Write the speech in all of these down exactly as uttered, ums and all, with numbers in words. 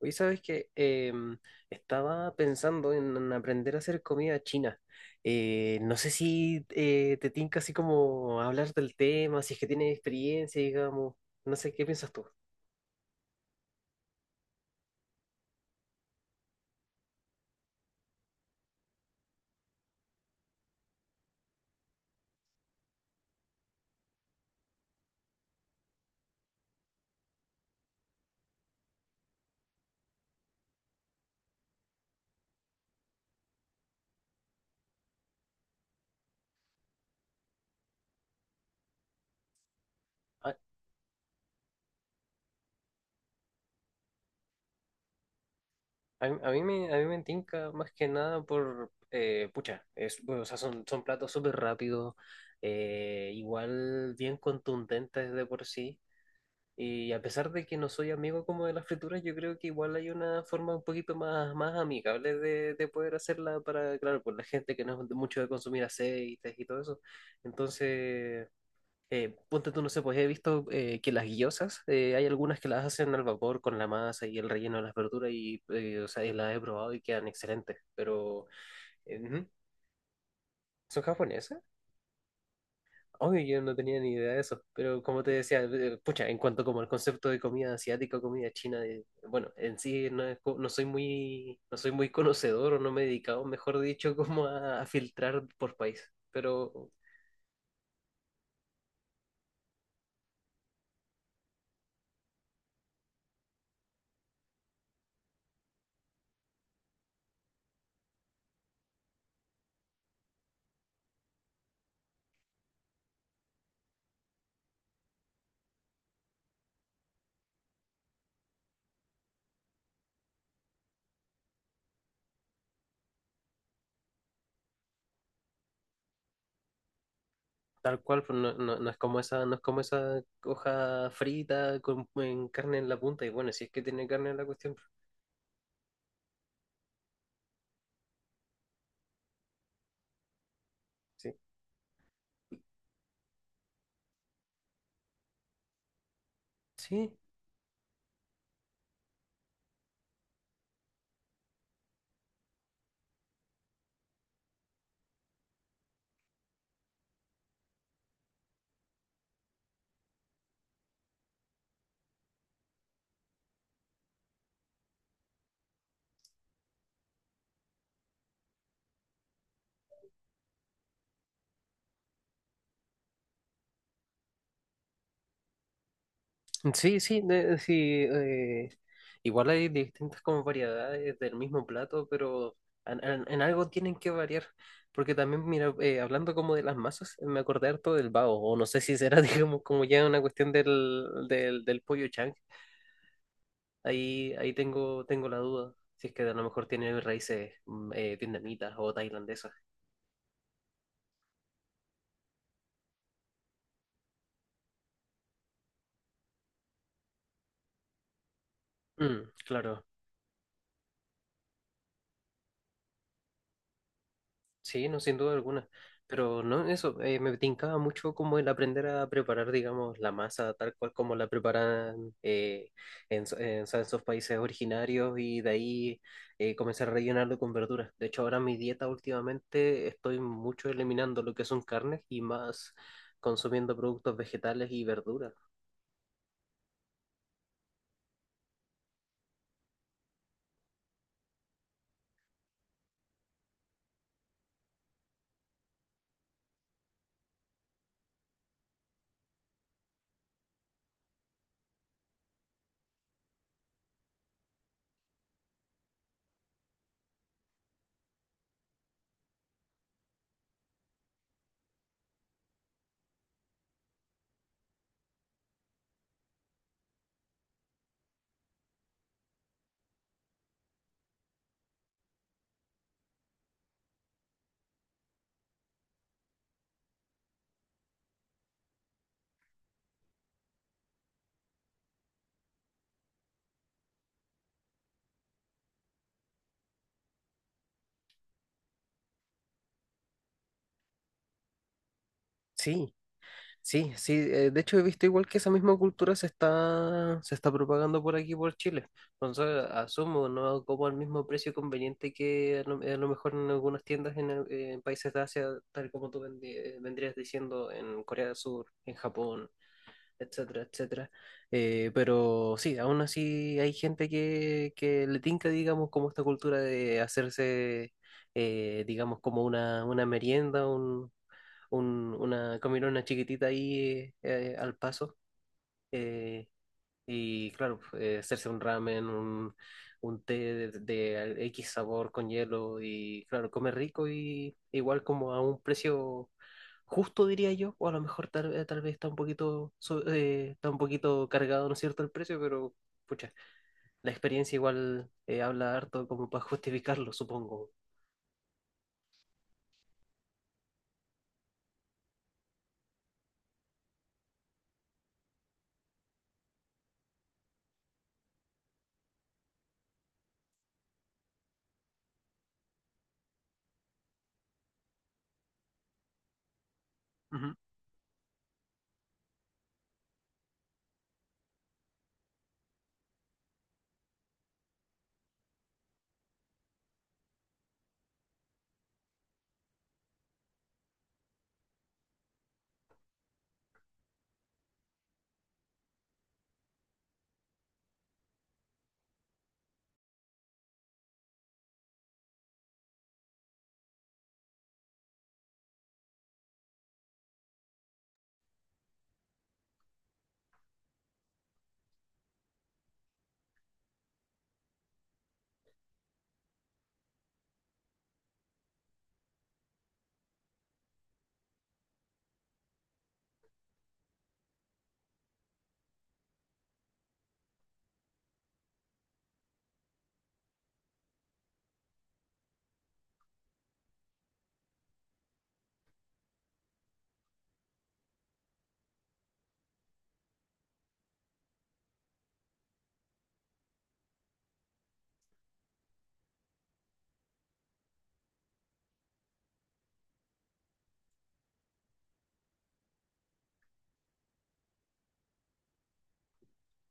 Oye, ¿sabes qué? Em, estaba pensando en, en aprender a hacer comida china. Eh, no sé si eh, te tinca así como hablar del tema, si es que tienes experiencia, digamos. No sé, ¿qué piensas tú? A, a mí a mí me, a mí me tinca más que nada por, eh, pucha, es, bueno, o sea, son, son platos súper rápidos, eh, igual bien contundentes de por sí. Y a pesar de que no soy amigo como de las frituras, yo creo que igual hay una forma un poquito más, más amigable de, de poder hacerla para, claro, por la gente que no es de mucho de consumir aceites y todo eso. Entonces, eh, ponte tú, no sé, pues he visto eh, que las guillosas, eh, hay algunas que las hacen al vapor con la masa y el relleno de las verduras y, eh, o sea, y las he probado y quedan excelentes, pero eh, ujú. ¿Son japonesas? Obvio, yo no tenía ni idea de eso, pero como te decía, eh, pucha, en cuanto como el concepto de comida asiática o comida china, eh, bueno, en sí no, es co- no soy muy, no soy muy conocedor o no me he dedicado, mejor dicho, como a, a filtrar por país, pero tal cual, pues, no, no, no es como esa, no es como esa hoja frita con en carne en la punta, y bueno, si es que tiene carne en la cuestión, pues, sí. Sí, sí, sí, de- sí. eh, Igual hay distintas como variedades del mismo plato, pero en, en- en algo tienen que variar. Porque también, mira, eh, hablando como de las masas, me acordé harto del bao, o no sé si será, digamos, como ya una cuestión del, del, del pollo chang. Ahí, ahí tengo, tengo la duda, si es que a lo mejor tiene raíces mm, eh, vietnamitas o tailandesas. Mm, claro. Sí, no, sin duda alguna. Pero no, eso, eh, me tincaba mucho como el aprender a preparar, digamos, la masa tal cual como la preparan eh, en, so- en, o sea, en esos países originarios y de ahí eh, comenzar a rellenarlo con verduras. De hecho, ahora mi dieta últimamente estoy mucho eliminando lo que son carnes y más consumiendo productos vegetales y verduras. Sí, sí, sí, eh, de hecho he visto igual que esa misma cultura se está, se está propagando por aquí, por Chile. Entonces, asumo, no como al mismo precio conveniente que a lo, a lo mejor en algunas tiendas en, el- en países de Asia, tal como tú vendi- eh, vendrías diciendo en Corea del Sur, en Japón, etcétera, etcétera. Eh, pero sí, aún así hay gente que, que le tinca, digamos, como esta cultura de hacerse, eh, digamos, como una, una merienda, un- una comilona chiquitita ahí eh, eh, al paso. eh, y claro, eh, hacerse un ramen, un, un té de, de al- X sabor con hielo y claro, comer rico y igual como a un precio justo, diría yo, o a lo mejor tal, eh, tal vez está un poquito, so- eh, está un poquito cargado, ¿no es cierto?, el precio, pero pucha, la experiencia igual eh, habla harto como para justificarlo, supongo. Ujú.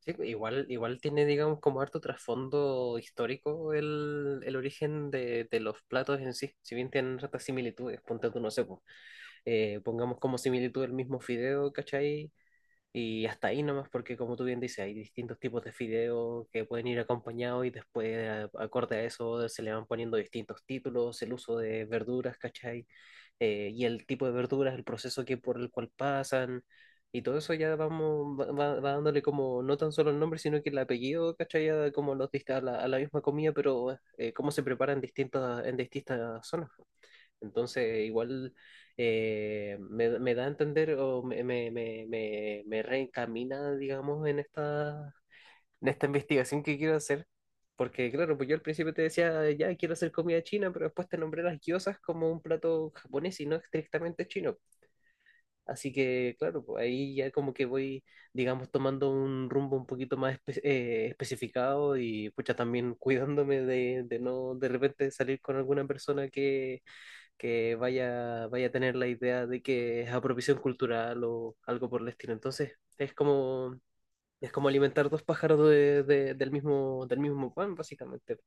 Sí, pues, igual, igual tiene, digamos, como harto trasfondo histórico el, el origen de, de los platos en sí, si bien tienen ciertas similitudes, ponte tú, no sé, po, eh, pongamos como similitud el mismo fideo, ¿cachai? Y hasta ahí nomás, porque como tú bien dices, hay distintos tipos de fideos que pueden ir acompañados y después, a- acorde a eso, se le van poniendo distintos títulos, el uso de verduras, ¿cachai? Eh, y el tipo de verduras, el proceso que por el cual pasan, y todo eso ya vamos, va, va- va dándole como no tan solo el nombre, sino que el apellido, ¿cachai? Ya como los dist- a la, a la misma comida, pero eh, cómo se preparan en distintas, en distintas zonas. Entonces, igual eh, me, me da a entender o me, me, me, me, me reencamina, digamos, en esta, en esta investigación que quiero hacer. Porque, claro, pues yo al principio te decía, ya quiero hacer comida china, pero después te nombré las gyozas como un plato japonés y no estrictamente chino. Así que, claro, pues ahí ya como que voy, digamos, tomando un rumbo un poquito más espe- eh, especificado y, pucha, también cuidándome de, de no de repente salir con alguna persona que que vaya, vaya a tener la idea de que es apropiación cultural o algo por el estilo. Entonces, es como, es como alimentar dos pájaros de- de- del mismo, del mismo pan, básicamente.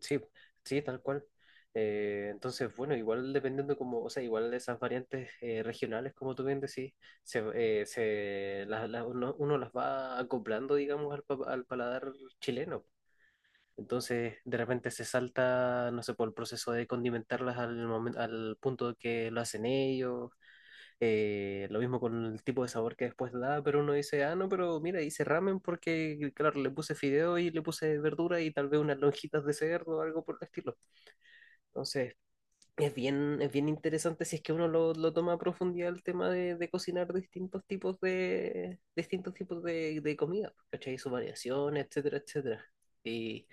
Sí, sí, tal cual. Eh, entonces, bueno, igual dependiendo como, o sea, igual de esas variantes eh, regionales, como tú bien decís, se, eh, se, las- las- uno, uno las va acoplando, digamos, al, pa- al paladar chileno. Entonces, de repente se salta, no sé, por el proceso de condimentarlas al momento, al punto que lo hacen ellos. Eh, lo mismo con el tipo de sabor que después da, pero uno dice, ah, no, pero mira, hice ramen porque, claro, le puse fideo y le puse verdura y tal vez unas lonjitas de cerdo o algo por el estilo. Entonces, es bien, es bien interesante si es que uno lo, lo toma a profundidad el tema de, de cocinar distintos tipos de, distintos tipos de, de comida, ¿cachai? Su variación, etcétera, etcétera. Y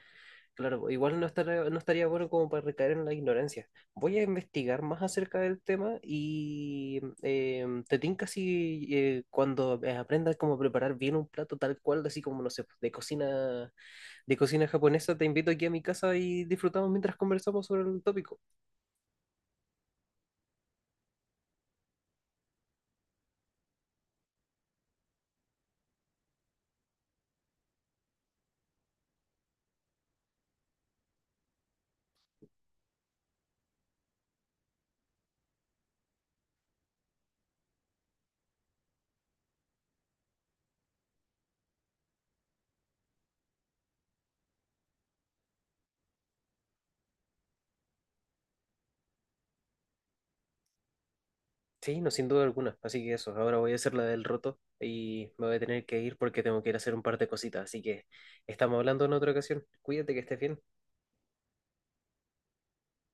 claro, igual no estaría, no estaría bueno como para recaer en la ignorancia. Voy a investigar más acerca del tema y em, te tinca si eh, cuando eh, aprendas cómo preparar bien un plato tal cual, así como, no sé, de cocina, de cocina japonesa, te invito aquí a mi casa y disfrutamos mientras conversamos sobre el tópico. Sí, no, sin duda alguna. Así que eso, ahora voy a hacer la del roto y me voy a tener que ir porque tengo que ir a hacer un par de cositas. Así que estamos hablando en otra ocasión. Cuídate que estés bien.